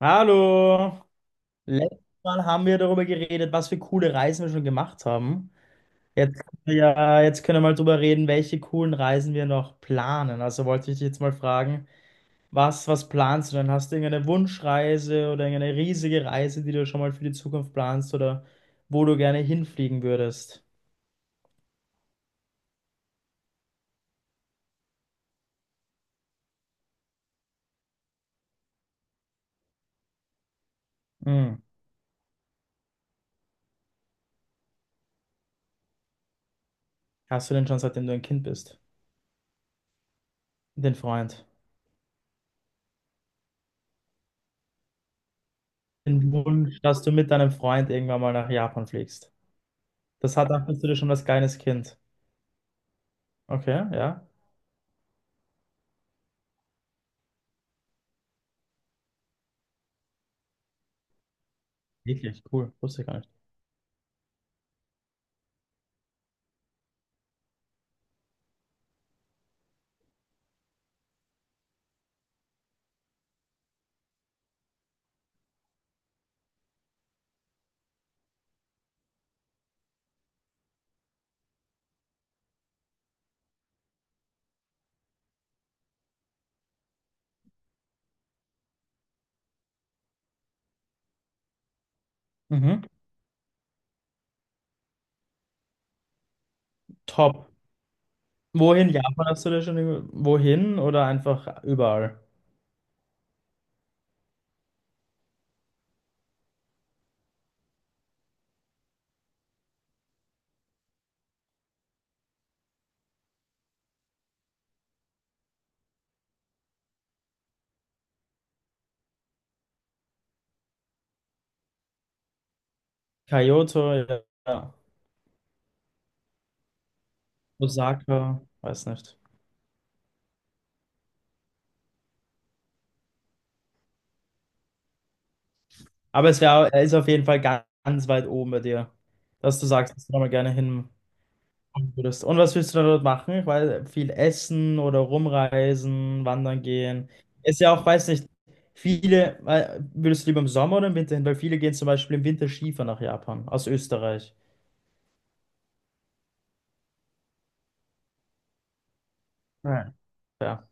Hallo! Letztes Mal haben wir darüber geredet, was für coole Reisen wir schon gemacht haben. Jetzt können wir mal drüber reden, welche coolen Reisen wir noch planen. Also wollte ich dich jetzt mal fragen, was planst du denn? Hast du irgendeine Wunschreise oder irgendeine riesige Reise, die du schon mal für die Zukunft planst oder wo du gerne hinfliegen würdest? Hm. Hast du denn schon, seitdem du ein Kind bist? Den Freund. Den Wunsch, dass du mit deinem Freund irgendwann mal nach Japan fliegst. Das hat, dachtest du dir schon als kleines Kind. Okay, ja. Wirklich cool, wusste ich gar nicht. Mhm. Top. Wohin Japan hast du da schon? Wohin oder einfach überall? Kyoto, ja. Ja. Osaka, weiß nicht. Aber es wär, er ist auf jeden Fall ganz weit oben bei dir, dass du sagst, dass du da mal gerne hin würdest. Und was willst du da dort machen? Weil viel essen oder rumreisen, wandern gehen. Ist ja auch, weiß nicht, viele, würdest du lieber im Sommer oder im Winter hin? Weil viele gehen zum Beispiel im Winter Skifahren nach Japan, aus Österreich. Ja. Ja.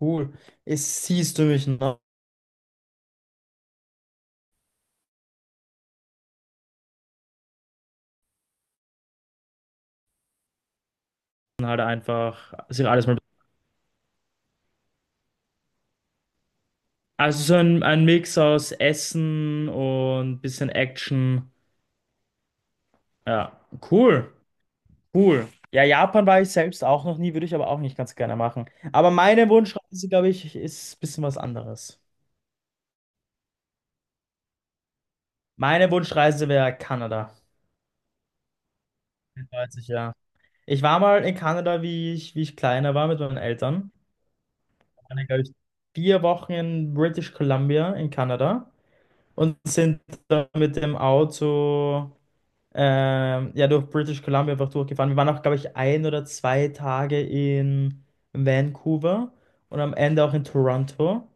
Cool. Es siehst du mich noch halt einfach sich alles mal. Also so ein Mix aus Essen und bisschen Action. Ja, cool, cool. Ja, Japan war ich selbst auch noch nie, würde ich aber auch nicht ganz gerne machen. Aber meine Wunschreise, glaube ich, ist ein bisschen was anderes. Meine Wunschreise wäre Kanada. 30, ja. Ich war mal in Kanada, wie ich kleiner war mit meinen Eltern. Ich war, glaube ich, 4 Wochen in British Columbia in Kanada und sind dann mit dem Auto ja durch British Columbia einfach durchgefahren. Wir waren auch, glaube ich, 1 oder 2 Tage in Vancouver und am Ende auch in Toronto.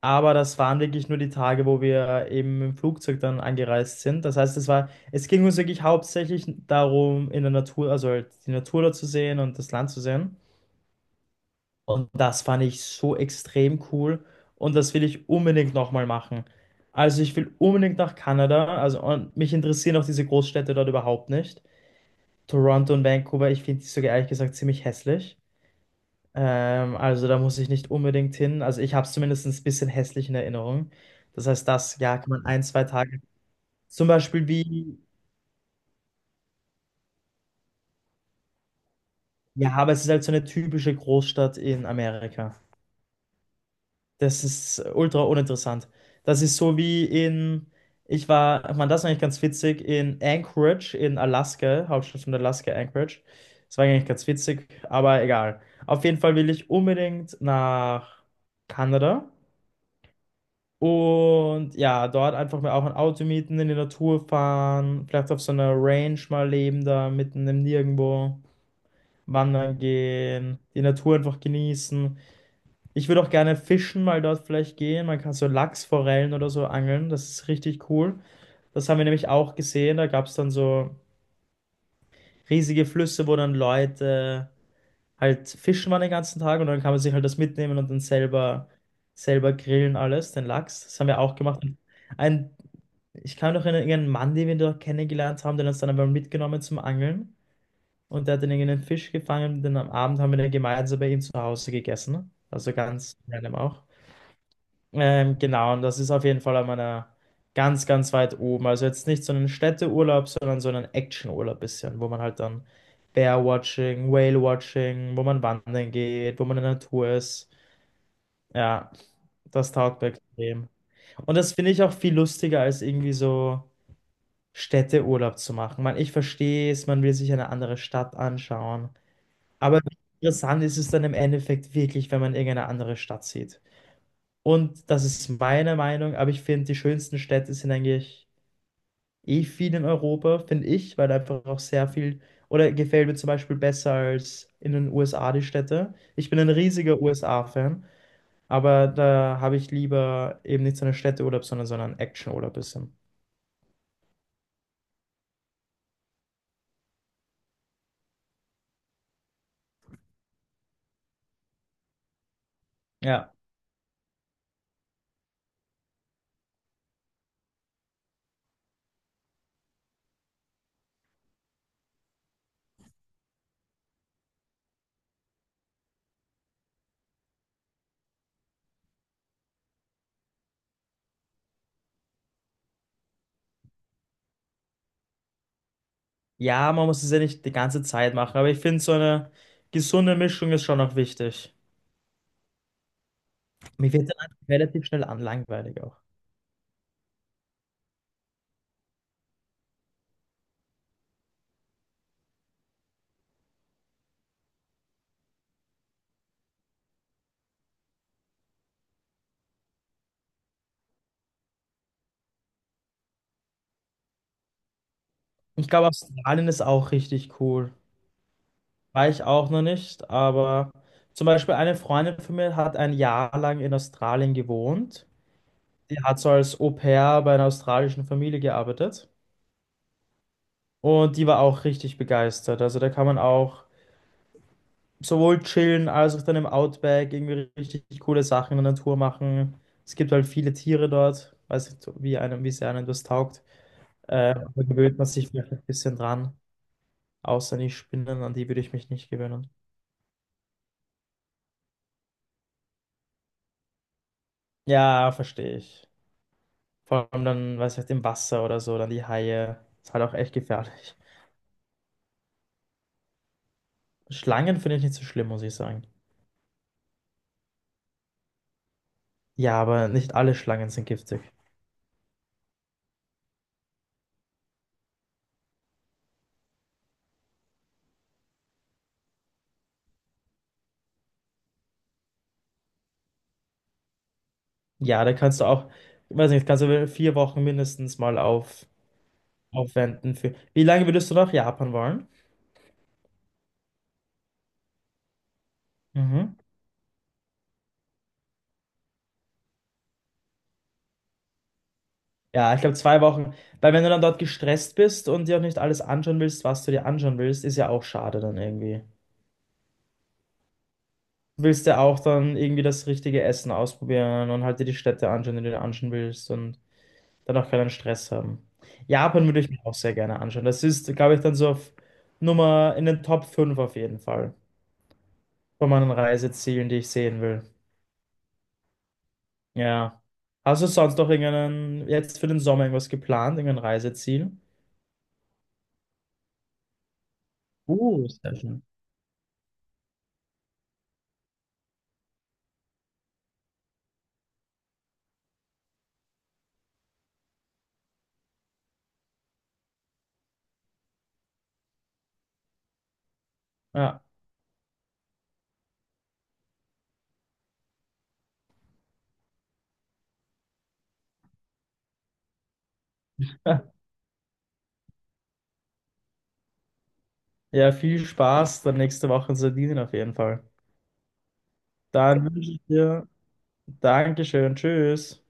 Aber das waren wirklich nur die Tage, wo wir eben im Flugzeug dann angereist sind. Das heißt, es ging uns wirklich hauptsächlich darum, in der Natur, also halt die Natur da zu sehen und das Land zu sehen. Und das fand ich so extrem cool und das will ich unbedingt nochmal machen. Also ich will unbedingt nach Kanada, also und mich interessieren auch diese Großstädte dort überhaupt nicht. Toronto und Vancouver, ich finde die sogar ehrlich gesagt ziemlich hässlich. Also da muss ich nicht unbedingt hin. Also ich habe es zumindest ein bisschen hässlich in Erinnerung. Das heißt, das, ja, kann man ein, zwei Tage. Zum Beispiel wie, ja, aber es ist halt so eine typische Großstadt in Amerika. Das ist ultra uninteressant. Das ist so wie in, ich war, man, das ist eigentlich ganz witzig, in Anchorage in Alaska, Hauptstadt von Alaska, Anchorage. Das war eigentlich ganz witzig, aber egal. Auf jeden Fall will ich unbedingt nach Kanada und ja, dort einfach mal auch ein Auto mieten, in die Natur fahren, vielleicht auf so einer Range mal leben, da mitten im Nirgendwo wandern gehen, die Natur einfach genießen. Ich würde auch gerne fischen mal dort vielleicht gehen. Man kann so Lachsforellen oder so angeln. Das ist richtig cool. Das haben wir nämlich auch gesehen. Da gab es dann so riesige Flüsse, wo dann Leute halt fischen waren den ganzen Tag und dann kann man sich halt das mitnehmen und dann selber grillen alles, den Lachs. Das haben wir auch gemacht. Und Ein, ich kann noch erinnern, irgendeinen Mann, den wir dort kennengelernt haben, den uns dann aber mitgenommen zum Angeln. Und der hat dann irgendeinen Fisch gefangen. Dann am Abend haben wir den gemeinsam bei ihm zu Hause gegessen. Also ganz random auch. Genau, und das ist auf jeden Fall an meiner ganz weit oben. Also jetzt nicht so einen Städteurlaub, sondern so einen Actionurlaub bisschen, wo man halt dann Bear-Watching, Whale-Watching, wo man wandern geht, wo man in der Natur ist. Ja, das taugt mir extrem. Und das finde ich auch viel lustiger, als irgendwie so Städteurlaub zu machen. Man, ich verstehe es, man will sich eine andere Stadt anschauen. Aber wie interessant ist es dann im Endeffekt wirklich, wenn man irgendeine andere Stadt sieht? Und das ist meine Meinung, aber ich finde, die schönsten Städte sind eigentlich eh viel in Europa, finde ich, weil einfach auch sehr viel, oder gefällt mir zum Beispiel besser als in den USA die Städte. Ich bin ein riesiger USA-Fan, aber da habe ich lieber eben nicht so einen Städteurlaub, sondern so einen Actionurlaub bisschen. Ja. Ja, man muss es ja nicht die ganze Zeit machen, aber ich finde, so eine gesunde Mischung ist schon noch wichtig. Mir wird dann relativ schnell an langweilig auch. Ich glaube, Australien ist auch richtig cool. War ich auch noch nicht, aber zum Beispiel eine Freundin von mir hat 1 Jahr lang in Australien gewohnt. Die hat so als Au-pair bei einer australischen Familie gearbeitet und die war auch richtig begeistert. Also da kann man auch sowohl chillen als auch dann im Outback irgendwie richtig coole Sachen in der Natur machen. Es gibt halt viele Tiere dort, weiß nicht, wie einem, wie sehr einem das taugt. Da gewöhnt man sich vielleicht ein bisschen dran, außer die Spinnen, an die würde ich mich nicht gewöhnen. Ja, verstehe ich. Vor allem dann, weiß ich, im Wasser oder so, dann die Haie. Ist halt auch echt gefährlich. Schlangen finde ich nicht so schlimm, muss ich sagen. Ja, aber nicht alle Schlangen sind giftig. Ja, da kannst du auch, weiß nicht, kannst du 4 Wochen mindestens mal aufwenden für. Wie lange würdest du nach Japan wollen? Mhm. Ja, ich glaube 2 Wochen. Weil wenn du dann dort gestresst bist und dir auch nicht alles anschauen willst, was du dir anschauen willst, ist ja auch schade dann irgendwie. Du willst ja auch dann irgendwie das richtige Essen ausprobieren und halt dir die Städte anschauen, die du dir anschauen willst und dann auch keinen Stress haben. Japan würde ich mir auch sehr gerne anschauen. Das ist, glaube ich, dann so auf Nummer in den Top 5 auf jeden Fall von meinen Reisezielen, die ich sehen will. Ja. Hast du sonst noch irgendeinen, jetzt für den Sommer irgendwas geplant, irgendein Reiseziel? Sehr schön. Ja. Ja, viel Spaß dann nächste Woche in Sardinien auf jeden Fall. Dann wünsche ich dir Dankeschön, tschüss.